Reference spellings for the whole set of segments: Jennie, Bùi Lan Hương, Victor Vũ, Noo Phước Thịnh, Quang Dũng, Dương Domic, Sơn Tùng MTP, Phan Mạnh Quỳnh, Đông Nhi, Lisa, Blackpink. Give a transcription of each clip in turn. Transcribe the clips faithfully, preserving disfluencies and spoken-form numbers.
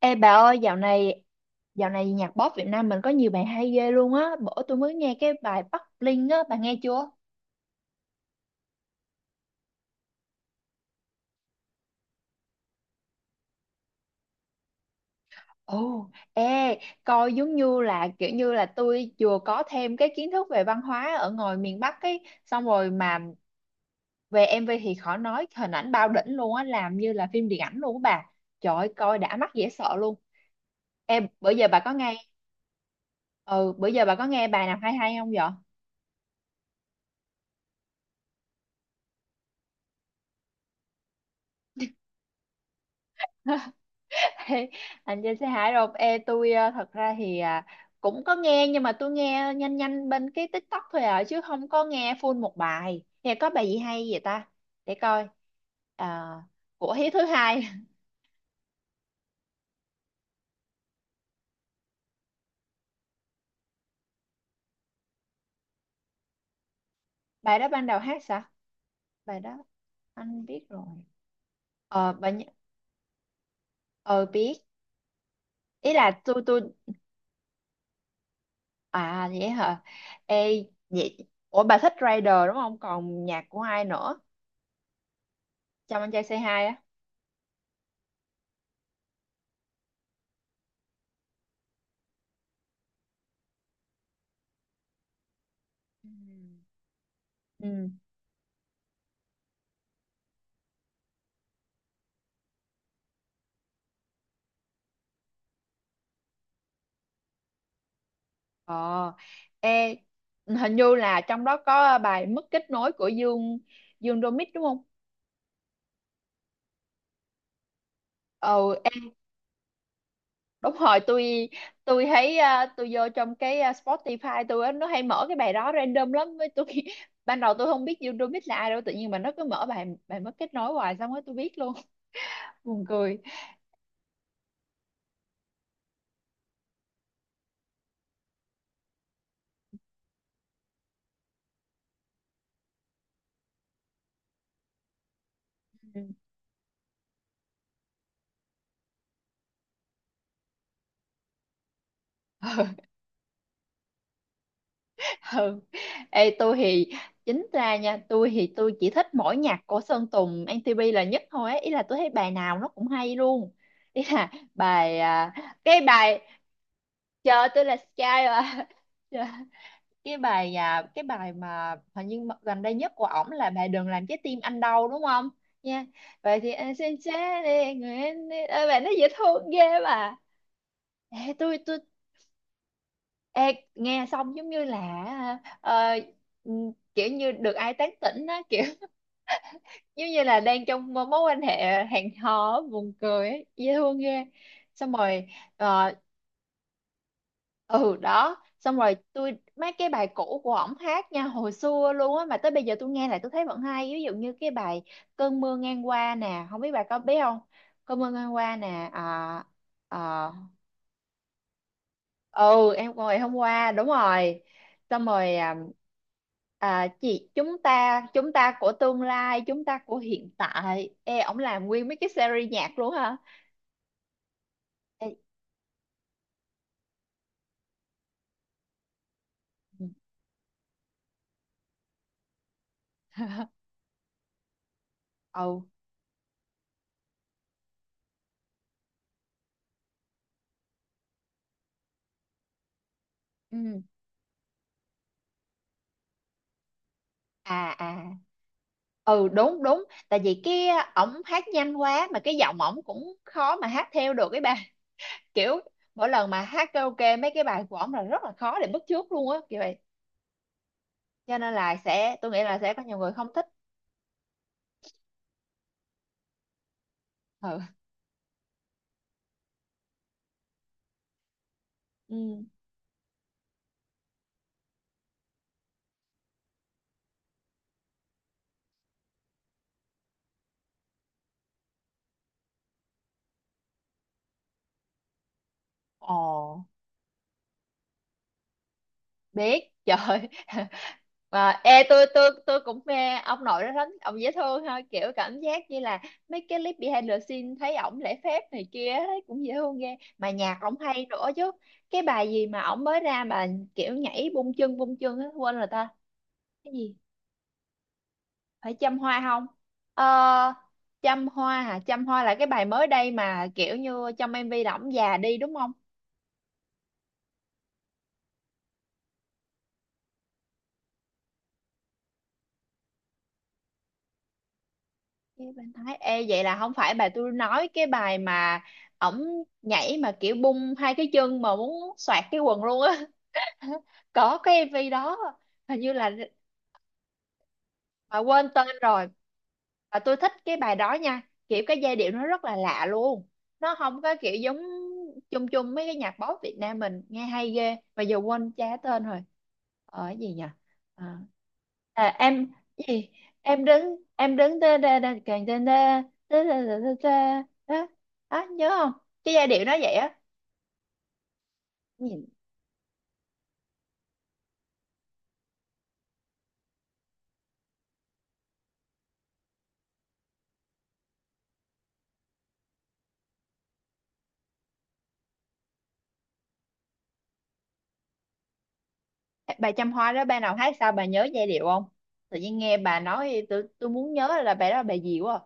Ê bà ơi, dạo này dạo này nhạc pop Việt Nam mình có nhiều bài hay ghê luôn á. Bữa tôi mới nghe cái bài Bắc Linh á, bà nghe chưa? Ồ, ê, coi giống như là kiểu như là tôi vừa có thêm cái kiến thức về văn hóa ở ngoài miền Bắc ấy, xong rồi mà về em vê thì khỏi nói, hình ảnh bao đỉnh luôn á, làm như là phim điện ảnh luôn á bà. Trời ơi, coi đã mắt dễ sợ luôn. Em bữa giờ bà có nghe ừ, bữa giờ bà có nghe bài nào hay hay không vậy? Ê, anh trên xe Hải rồi. Ê, tôi ờ, thật ra thì à, cũng có nghe nhưng mà tôi nghe nhanh nhanh bên cái TikTok thôi à, chứ không có nghe full một bài. Thì có bài gì hay vậy ta, để coi. à, của Hiếu thứ hai. Bài đó ban đầu hát sao, bài đó anh biết rồi. ờ bài nh- ờ biết, ý là tôi tôi. à vậy hả. Ê, vậy ủa bà thích Rider đúng không, còn nhạc của ai nữa, chăm anh trai say hai á. Ừm. Ừ. Ờ, ê, hình như là trong đó có bài mất kết nối của Dương Dương Domic đúng không? Ừ, em đúng rồi, tôi. Tôi thấy à, tôi vô trong cái à, Spotify tôi á, nó hay mở cái bài đó random lắm với tôi. Ban đầu tôi không biết Dương Domic là ai đâu, tự nhiên mà nó cứ mở bài bài mất kết nối hoài, xong rồi tôi biết luôn. Buồn cười. Ừ. Ê, tôi thì chính ra nha, tôi thì tôi chỉ thích mỗi nhạc của Sơn Tùng em tê pê là nhất thôi ấy. Ý là tôi thấy bài nào nó cũng hay luôn, ý là bài à, cái bài chờ tôi là Sky mà. Chờ- cái bài à, cái bài mà hình như gần đây nhất của ổng là bài đừng làm trái tim anh đau đúng không, nha, vậy thì anh xin chết đi người anh đi. Ôi, bài nó dễ thương ghê mà. Ê, tôi tôi Ê, nghe xong giống như là, ờ, ừ, kiểu như được ai tán tỉnh á kiểu, giống như là đang trong mối quan hệ hẹn hò á, buồn cười ấy, dễ thương ghê. Xong rồi ờ, ừ đó, xong rồi tôi mấy cái bài cũ của ổng hát nha, hồi xưa luôn á mà tới bây giờ tôi nghe lại tôi thấy vẫn hay, ví dụ như cái bài cơn mưa ngang qua nè, không biết bà có biết không. Cơn mưa ngang qua nè. à, à, ừ, em ngồi hôm qua đúng rồi. Xong rồi à, à, chị chúng ta chúng ta của tương lai, chúng ta của hiện tại. Ê, ổng làm nguyên mấy cái series nhạc luôn hả. Ê, ừ. Ừ. ừ, à à ừ, đúng đúng. Tại vì cái ổng hát nhanh quá, mà cái giọng ổng cũng khó mà hát theo được cái bà. Kiểu mỗi lần mà hát karaoke mấy cái bài của ổng là rất là khó để bắt chước luôn á kiểu vậy, cho nên là sẽ, tôi nghĩ là sẽ có nhiều người không thích. Ừ. Ừ. Ồ. Biết trời. Mà ê, tôi tôi tôi cũng mê ông nội đó lắm, ông dễ thương ha, kiểu cảm giác như là mấy cái clip behind the scene thấy ổng lễ phép này kia, thấy cũng dễ thương ghê, mà nhạc ổng hay nữa chứ. Cái bài gì mà ổng mới ra mà kiểu nhảy bung chân bung chân á, quên rồi ta. Cái gì, phải chăm hoa không. Ờ, chăm hoa hả, chăm hoa là cái bài mới đây mà kiểu như trong em vê là ổng già đi đúng không. Cái bên Thái. Ê, vậy là không phải bà, tôi nói cái bài mà ổng nhảy mà kiểu bung hai cái chân mà muốn xoạc cái quần luôn á. Có cái em vê đó hình như là, mà quên tên rồi. Và tôi thích cái bài đó nha, kiểu cái giai điệu nó rất là lạ luôn, nó không có kiểu giống chung chung mấy cái nhạc pop Việt Nam mình, nghe hay ghê mà giờ quên cha tên rồi. Ở gì nhỉ, à, à, em cái gì, em đứng em đứng da da da càng da da, da da da da da đó. Đó, nhớ không, cái giai điệu nó vậy á. Nhìn, bà Trăm Hoa đó, bà nào hát sao, bà nhớ giai điệu không. Tự nhiên nghe bà nói, tôi tôi muốn nhớ là bà đó là bà gì quá à.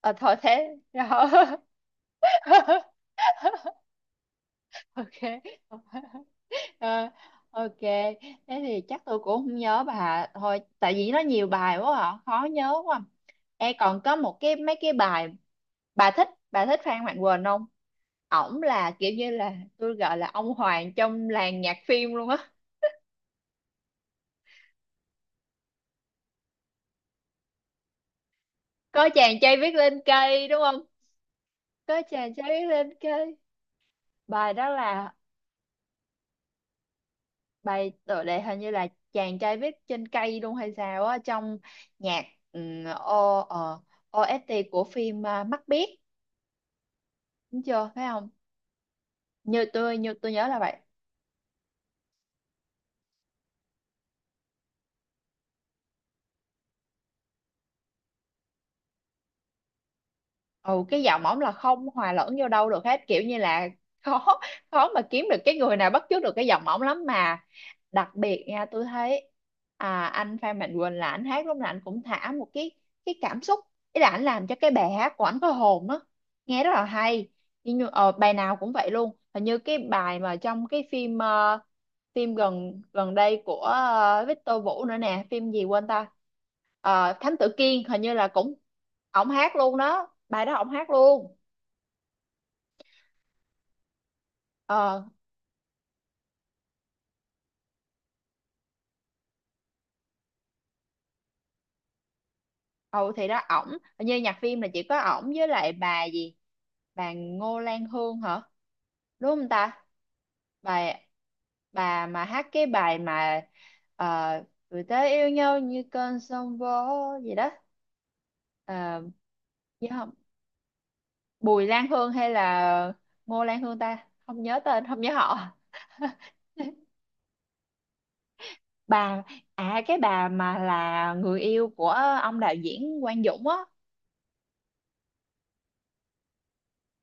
ờ Thôi thế rồi. OK. Ờ, OK, thế thì chắc tôi cũng không nhớ bà thôi, tại vì nó nhiều bài quá à, khó nhớ quá. E còn có một cái mấy cái bài, bà thích bà thích Phan Mạnh Quỳnh không. Ổng là kiểu như là tôi gọi là ông hoàng trong làng nhạc phim luôn á. Có chàng trai viết lên cây đúng không. Có chàng trai viết lên cây. Bài đó là bài tựa đề, hình như là chàng trai viết trên cây luôn hay sao á, trong nhạc um, o, ờ, o ét tê của phim à, Mắt biếc đúng chưa, phải không, như tôi như tôi nhớ là vậy. Ừ, cái giọng ổng là không hòa lẫn vô đâu được hết, kiểu như là khó, khó mà kiếm được cái người nào bắt chước được cái giọng ổng lắm mà. Đặc biệt nha, tôi thấy à, anh Phan Mạnh Quỳnh là anh hát lúc nào anh cũng thả một cái cái cảm xúc, ý là anh làm cho cái bài hát của anh có hồn á, nghe rất là hay. Nhưng như- ờ, bài nào cũng vậy luôn, hình như cái bài mà trong cái phim ờ, phim gần gần đây của ờ, Victor Vũ nữa nè, phim gì quên ta. Ờ, Thám Tử Kiên hình như là cũng ổng hát luôn đó, bài đó ổng hát luôn. Ờ. Ừ thì đó, ổng, như nhạc phim là chỉ có ổng với lại bà gì, bà Ngô Lan Hương hả, đúng không ta, bà bà mà hát cái bài mà uh, người ta yêu nhau như cơn sóng vỗ gì đó. Ờ, nhớ không. Bùi Lan Hương hay là Ngô Lan Hương ta, không nhớ tên không nhớ họ. Bà, à cái bà mà là người yêu của ông đạo diễn Quang Dũng á.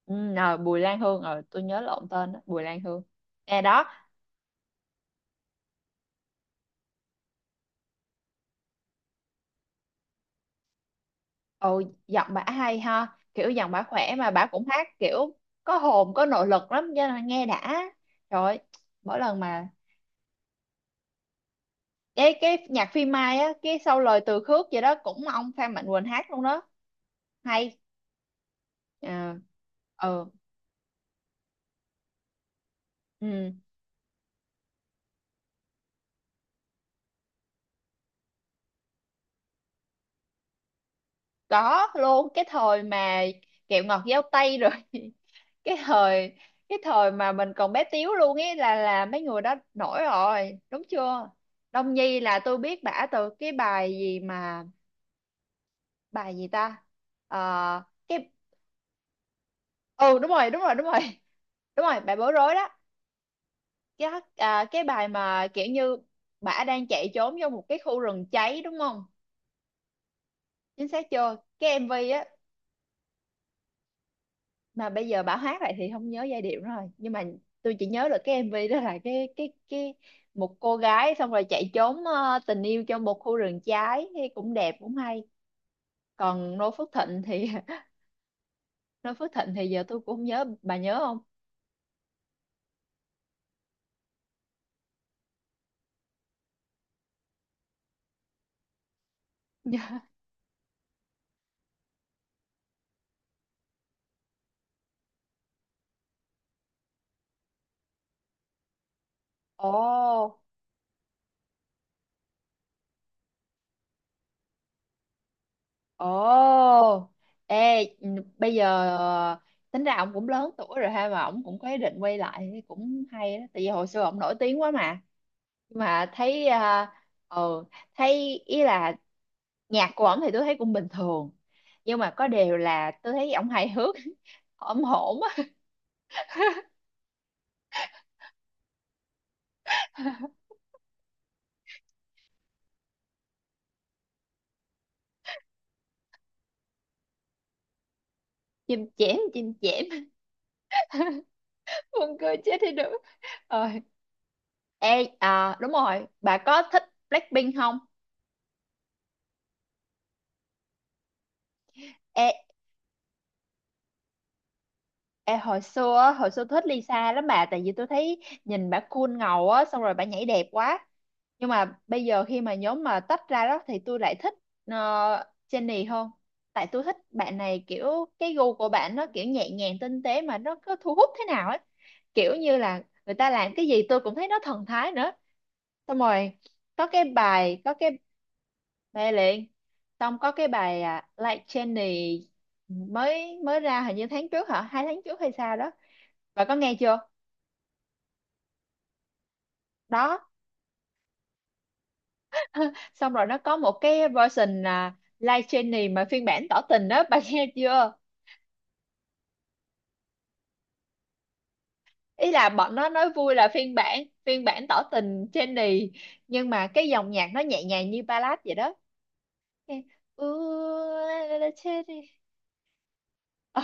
Ừ, à, Bùi Lan Hương, ờ tôi nhớ lộn tên đó, Bùi Lan Hương nè đó. Ồ, giọng bả hay ha, kiểu giọng bả khỏe mà bả cũng hát kiểu có hồn, có nội lực lắm, cho nên nghe đã. Trời ơi, mỗi lần mà cái cái nhạc phim Mai á, cái sau lời Từ Khước gì đó cũng ông Phan Mạnh Quỳnh hát luôn đó. Hay. Ờ. Ừ, ừ. Có luôn, cái thời mà kẹo ngọt giao tây rồi. Cái thời, cái thời mà mình còn bé tíu luôn ấy là là mấy người đó nổi rồi đúng chưa. Đông Nhi là tôi biết bả từ cái bài gì mà, bài gì ta. Ờ, cái, ừ đúng rồi đúng rồi đúng rồi. Đúng rồi, bài bối rối đó. Cái à, cái bài mà kiểu như bả đang chạy trốn vô một cái khu rừng cháy đúng không, chính xác chưa, cái em vê á. Mà bây giờ bảo hát lại thì không nhớ giai điệu nữa rồi, nhưng mà tôi chỉ nhớ được cái em vê đó là cái cái cái một cô gái xong rồi chạy trốn ờ, tình yêu trong một khu rừng trái thì cũng đẹp cũng hay. Còn Noo Phước Thịnh thì Noo Phước Thịnh thì giờ tôi cũng không nhớ, bà nhớ không. Ồ. Ồ. Ê, bây giờ ờ, tính ra ông cũng lớn tuổi rồi ha, mà ông cũng có ý định quay lại thì cũng hay đó, tại vì hồi xưa ông nổi tiếng quá mà. Nhưng mà thấy ờ, ừ, thấy ý là nhạc của ổng thì tôi thấy cũng bình thường, nhưng mà có điều là tôi thấy ổng hài hước, ổng hổn á. Chim chém, chim chém. Buồn cười chết đi được. Ờ. Ê, à, đúng rồi, bà có thích Blackpink không. Ê. Ê, hồi xưa á, hồi xưa thích Lisa lắm bà, tại vì tôi thấy nhìn bà cool ngầu á, xong rồi bà nhảy đẹp quá. Nhưng mà bây giờ khi mà nhóm mà tách ra đó, thì tôi lại thích ờ, Jennie hơn. Tại tôi thích bạn này kiểu cái gu của bạn nó kiểu nhẹ nhàng tinh tế mà nó cứ thu hút thế nào ấy, kiểu như là người ta làm cái gì tôi cũng thấy nó thần thái nữa. Xong rồi có cái bài có cái, mê liền. Xong có cái bài à, Like Jennie mới mới ra, hình như tháng trước hả, hai tháng trước hay sao đó. Bà có nghe chưa? Đó, xong rồi nó có một cái version là live training mà phiên bản tỏ tình đó, bà, nghe chưa? Ý là bọn nó nói vui là phiên bản phiên bản tỏ tình training, nhưng mà cái dòng nhạc nó nhẹ nhàng như ballad vậy đó. Nghe, "Ooh, la la cherry." Ừ,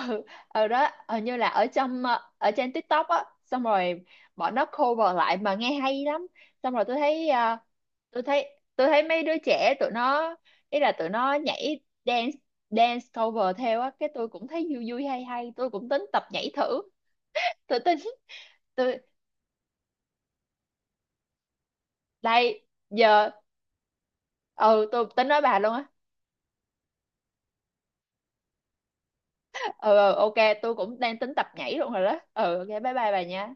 ở đó hình như là ở trong ờ, ở trên TikTok á, xong rồi bọn nó cover lại mà nghe hay lắm. Xong rồi tôi thấy à, tôi thấy tôi thấy mấy đứa trẻ tụi nó, ý là tụi nó nhảy, dance dance cover theo á, cái tôi cũng thấy vui vui hay hay, tôi cũng tính tập nhảy thử. Tôi tính, tôi đây giờ. Ừ, tôi tính nói bà luôn á. Ừ, ừ OK, tôi cũng đang tính tập nhảy luôn rồi đó. Ừ OK, bye bye bà nha.